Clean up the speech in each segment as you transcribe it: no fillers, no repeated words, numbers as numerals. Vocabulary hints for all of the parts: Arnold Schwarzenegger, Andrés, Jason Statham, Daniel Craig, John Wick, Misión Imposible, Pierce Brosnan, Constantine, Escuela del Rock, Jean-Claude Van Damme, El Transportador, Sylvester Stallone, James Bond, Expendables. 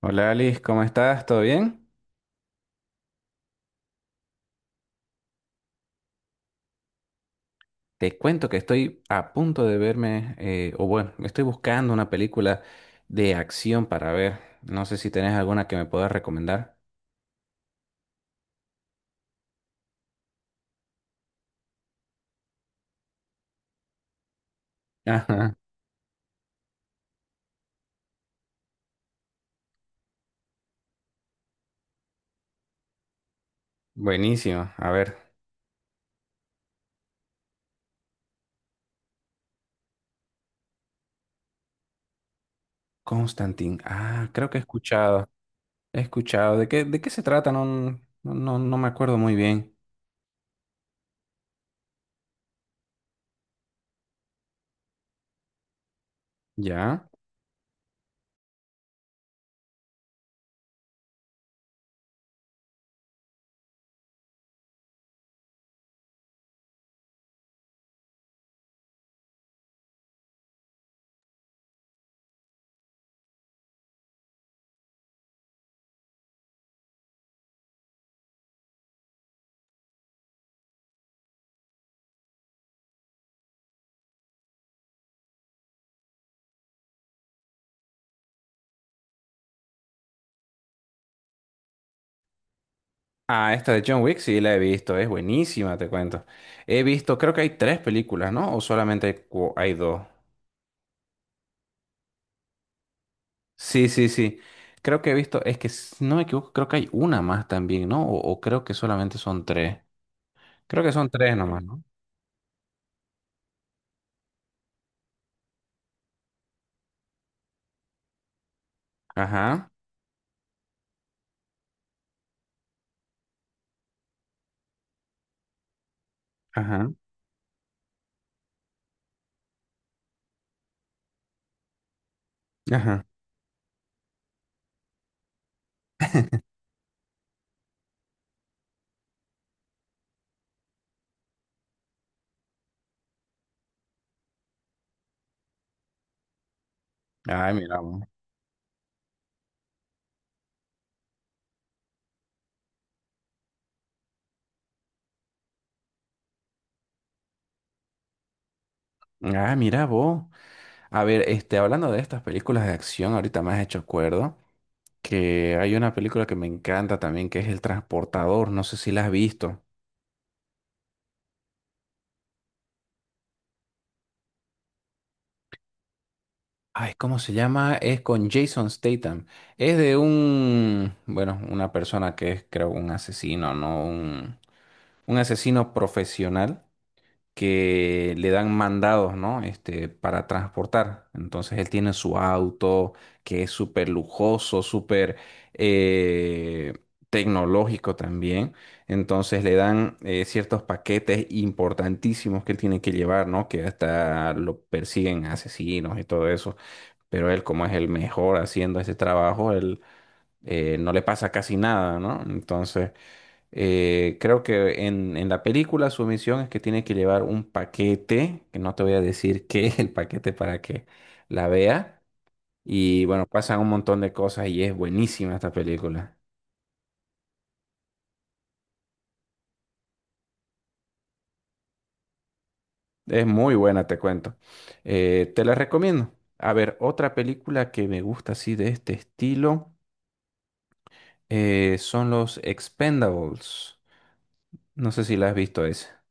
Hola Alice, ¿cómo estás? ¿Todo bien? Te cuento que estoy a punto de verme, o bueno, estoy buscando una película de acción para ver. No sé si tenés alguna que me puedas recomendar. Ajá. Buenísimo. A ver, Constantine. Ah, creo que he escuchado. He escuchado. ¿De qué se trata? No, no, no me acuerdo muy bien. ¿Ya? Ah, esta de John Wick sí la he visto. Es buenísima, te cuento. He visto, creo que hay tres películas, ¿no? ¿O solamente hay dos? Sí, sí, sí. Creo que he visto, es que si no me equivoco, creo que hay una más también, ¿no? O creo que solamente son tres. Creo que son tres nomás, ¿no? Ajá, ajá, ajá. Ay, mira vos. Ah, mira vos. A ver, este, hablando de estas películas de acción, ahorita me has hecho acuerdo que hay una película que me encanta también, que es El Transportador. No sé si la has visto. Ay, ¿cómo se llama? Es con Jason Statham. Es de un, bueno, una persona que es, creo, un asesino, ¿no? Un asesino profesional que le dan mandados, ¿no? Este, para transportar. Entonces él tiene su auto que es súper lujoso, súper eh, tecnológico también. Entonces le dan ciertos paquetes importantísimos que él tiene que llevar, ¿no? Que hasta lo persiguen asesinos y todo eso. Pero él, como es el mejor haciendo ese trabajo, él no le pasa casi nada, ¿no? Entonces... creo que en la película su misión es que tiene que llevar un paquete, que no te voy a decir qué es el paquete para que la vea. Y bueno, pasan un montón de cosas y es buenísima esta película. Es muy buena, te cuento. Te la recomiendo. A ver, otra película que me gusta así de este estilo son los Expendables. No sé si la has visto esa.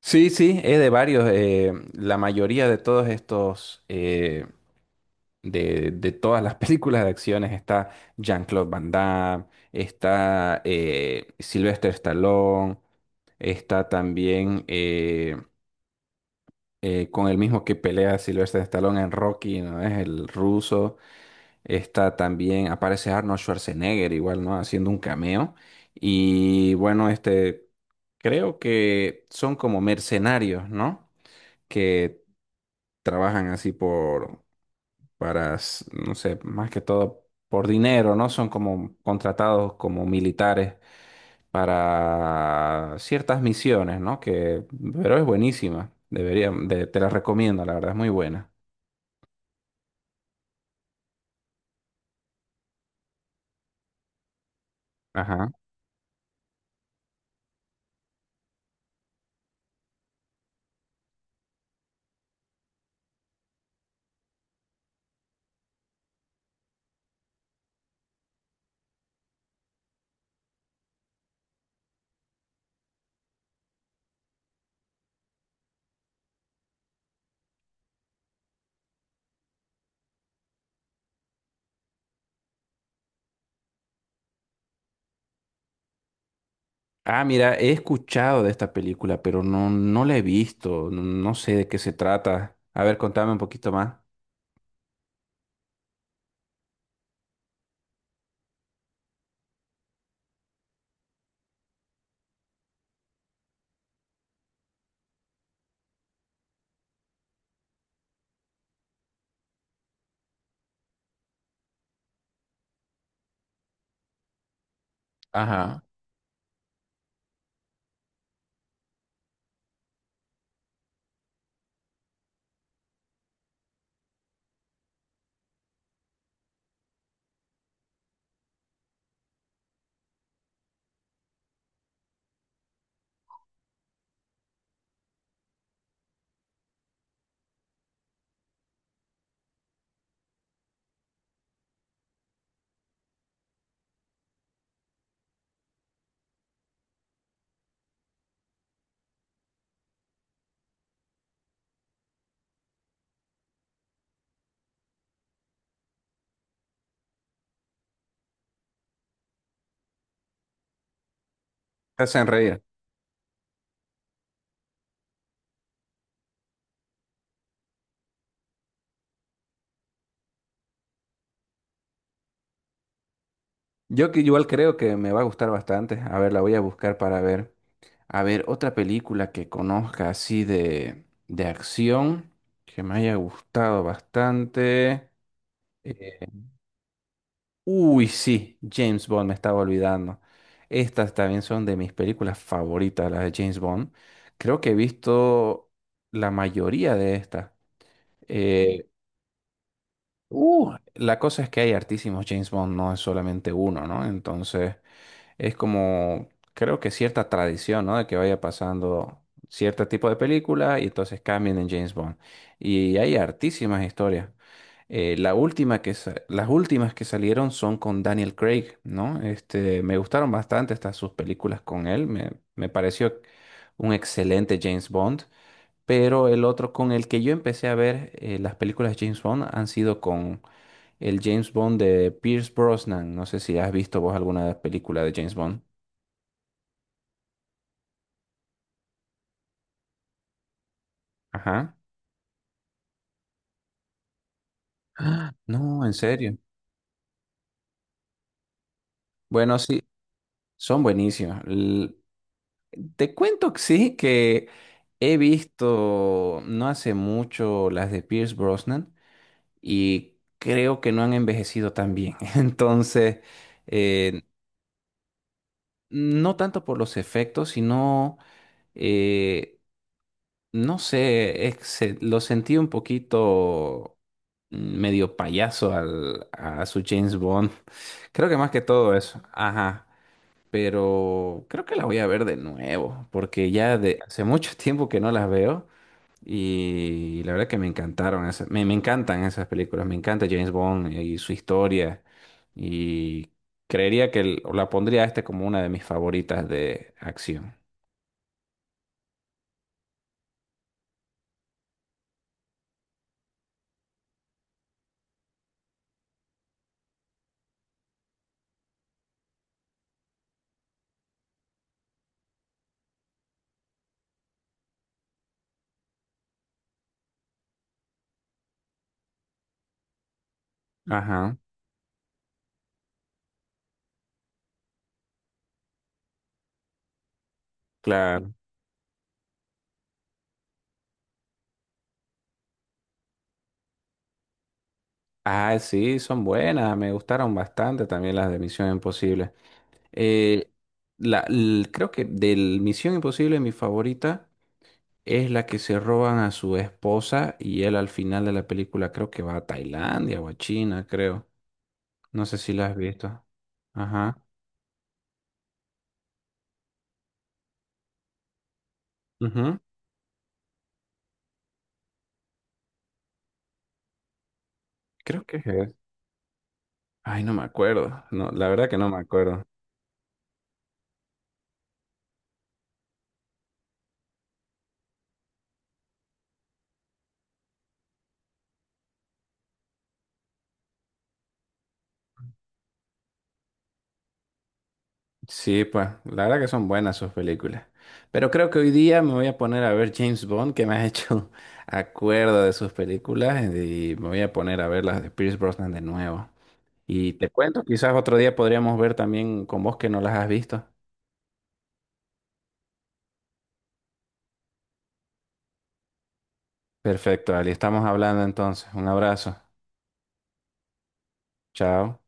Sí, sí, es de varios. La mayoría de todos estos de todas las películas de acciones está Jean-Claude Van Damme, está Sylvester Stallone, está también con el mismo que pelea Sylvester Stallone en Rocky, ¿no? Es el ruso. Está también, aparece Arnold Schwarzenegger igual, ¿no? Haciendo un cameo. Y bueno, este, creo que son como mercenarios, ¿no? Que trabajan así no sé, más que todo por dinero, ¿no? Son como contratados como militares para ciertas misiones, ¿no? Que, pero es buenísima. Te la recomiendo, la verdad, es muy buena. Ajá. Ah, mira, he escuchado de esta película, pero no, no la he visto. No, no sé de qué se trata. A ver, contame un poquito más. Ajá. Te hacen reír. Yo que igual creo que me va a gustar bastante. A ver, la voy a buscar para ver. A ver, otra película que conozca así de acción que me haya gustado bastante. Eh, uy, sí, James Bond, me estaba olvidando. Estas también son de mis películas favoritas, las de James Bond. Creo que he visto la mayoría de estas. Eh, la cosa es que hay hartísimos James Bond, no es solamente uno, ¿no? Entonces, es como, creo que cierta tradición, ¿no? De que vaya pasando cierto tipo de película y entonces cambien en James Bond. Y hay hartísimas historias. La las últimas que salieron son con Daniel Craig, ¿no? Este, me gustaron bastante estas sus películas con él. Me pareció un excelente James Bond. Pero el otro con el que yo empecé a ver las películas de James Bond han sido con el James Bond de Pierce Brosnan. No sé si has visto vos alguna película de James Bond. Ajá. Ah, no, en serio. Bueno, sí, son buenísimas. Te cuento que sí, que he visto no hace mucho las de Pierce Brosnan y creo que no han envejecido tan bien. Entonces, eh, no tanto por los efectos, sino... eh, no sé, es que lo sentí un poquito mm, medio payaso al, a su James Bond. Creo que más que todo eso. Ajá. Pero creo que la voy a ver de nuevo, porque ya de hace mucho tiempo que no las veo y la verdad que me encantaron esas, me encantan esas películas, me encanta James Bond y su historia y creería que la pondría a este como una de mis favoritas de acción. Ajá, claro. Ah, sí, son buenas, me gustaron bastante también las de Misión Imposible. Eh, creo que de Misión Imposible mi favorita es la que se roban a su esposa y él al final de la película creo que va a Tailandia o a China, creo. No sé si la has visto. Ajá. Ujú. Creo que es. Ay, no me acuerdo. No, la verdad que no me acuerdo. Sí, pues, la verdad que son buenas sus películas. Pero creo que hoy día me voy a poner a ver James Bond, que me ha hecho acuerdo de sus películas, y me voy a poner a ver las de Pierce Brosnan de nuevo. Y te cuento, quizás otro día podríamos ver también con vos que no las has visto. Perfecto, Ali, estamos hablando entonces. Un abrazo. Chao.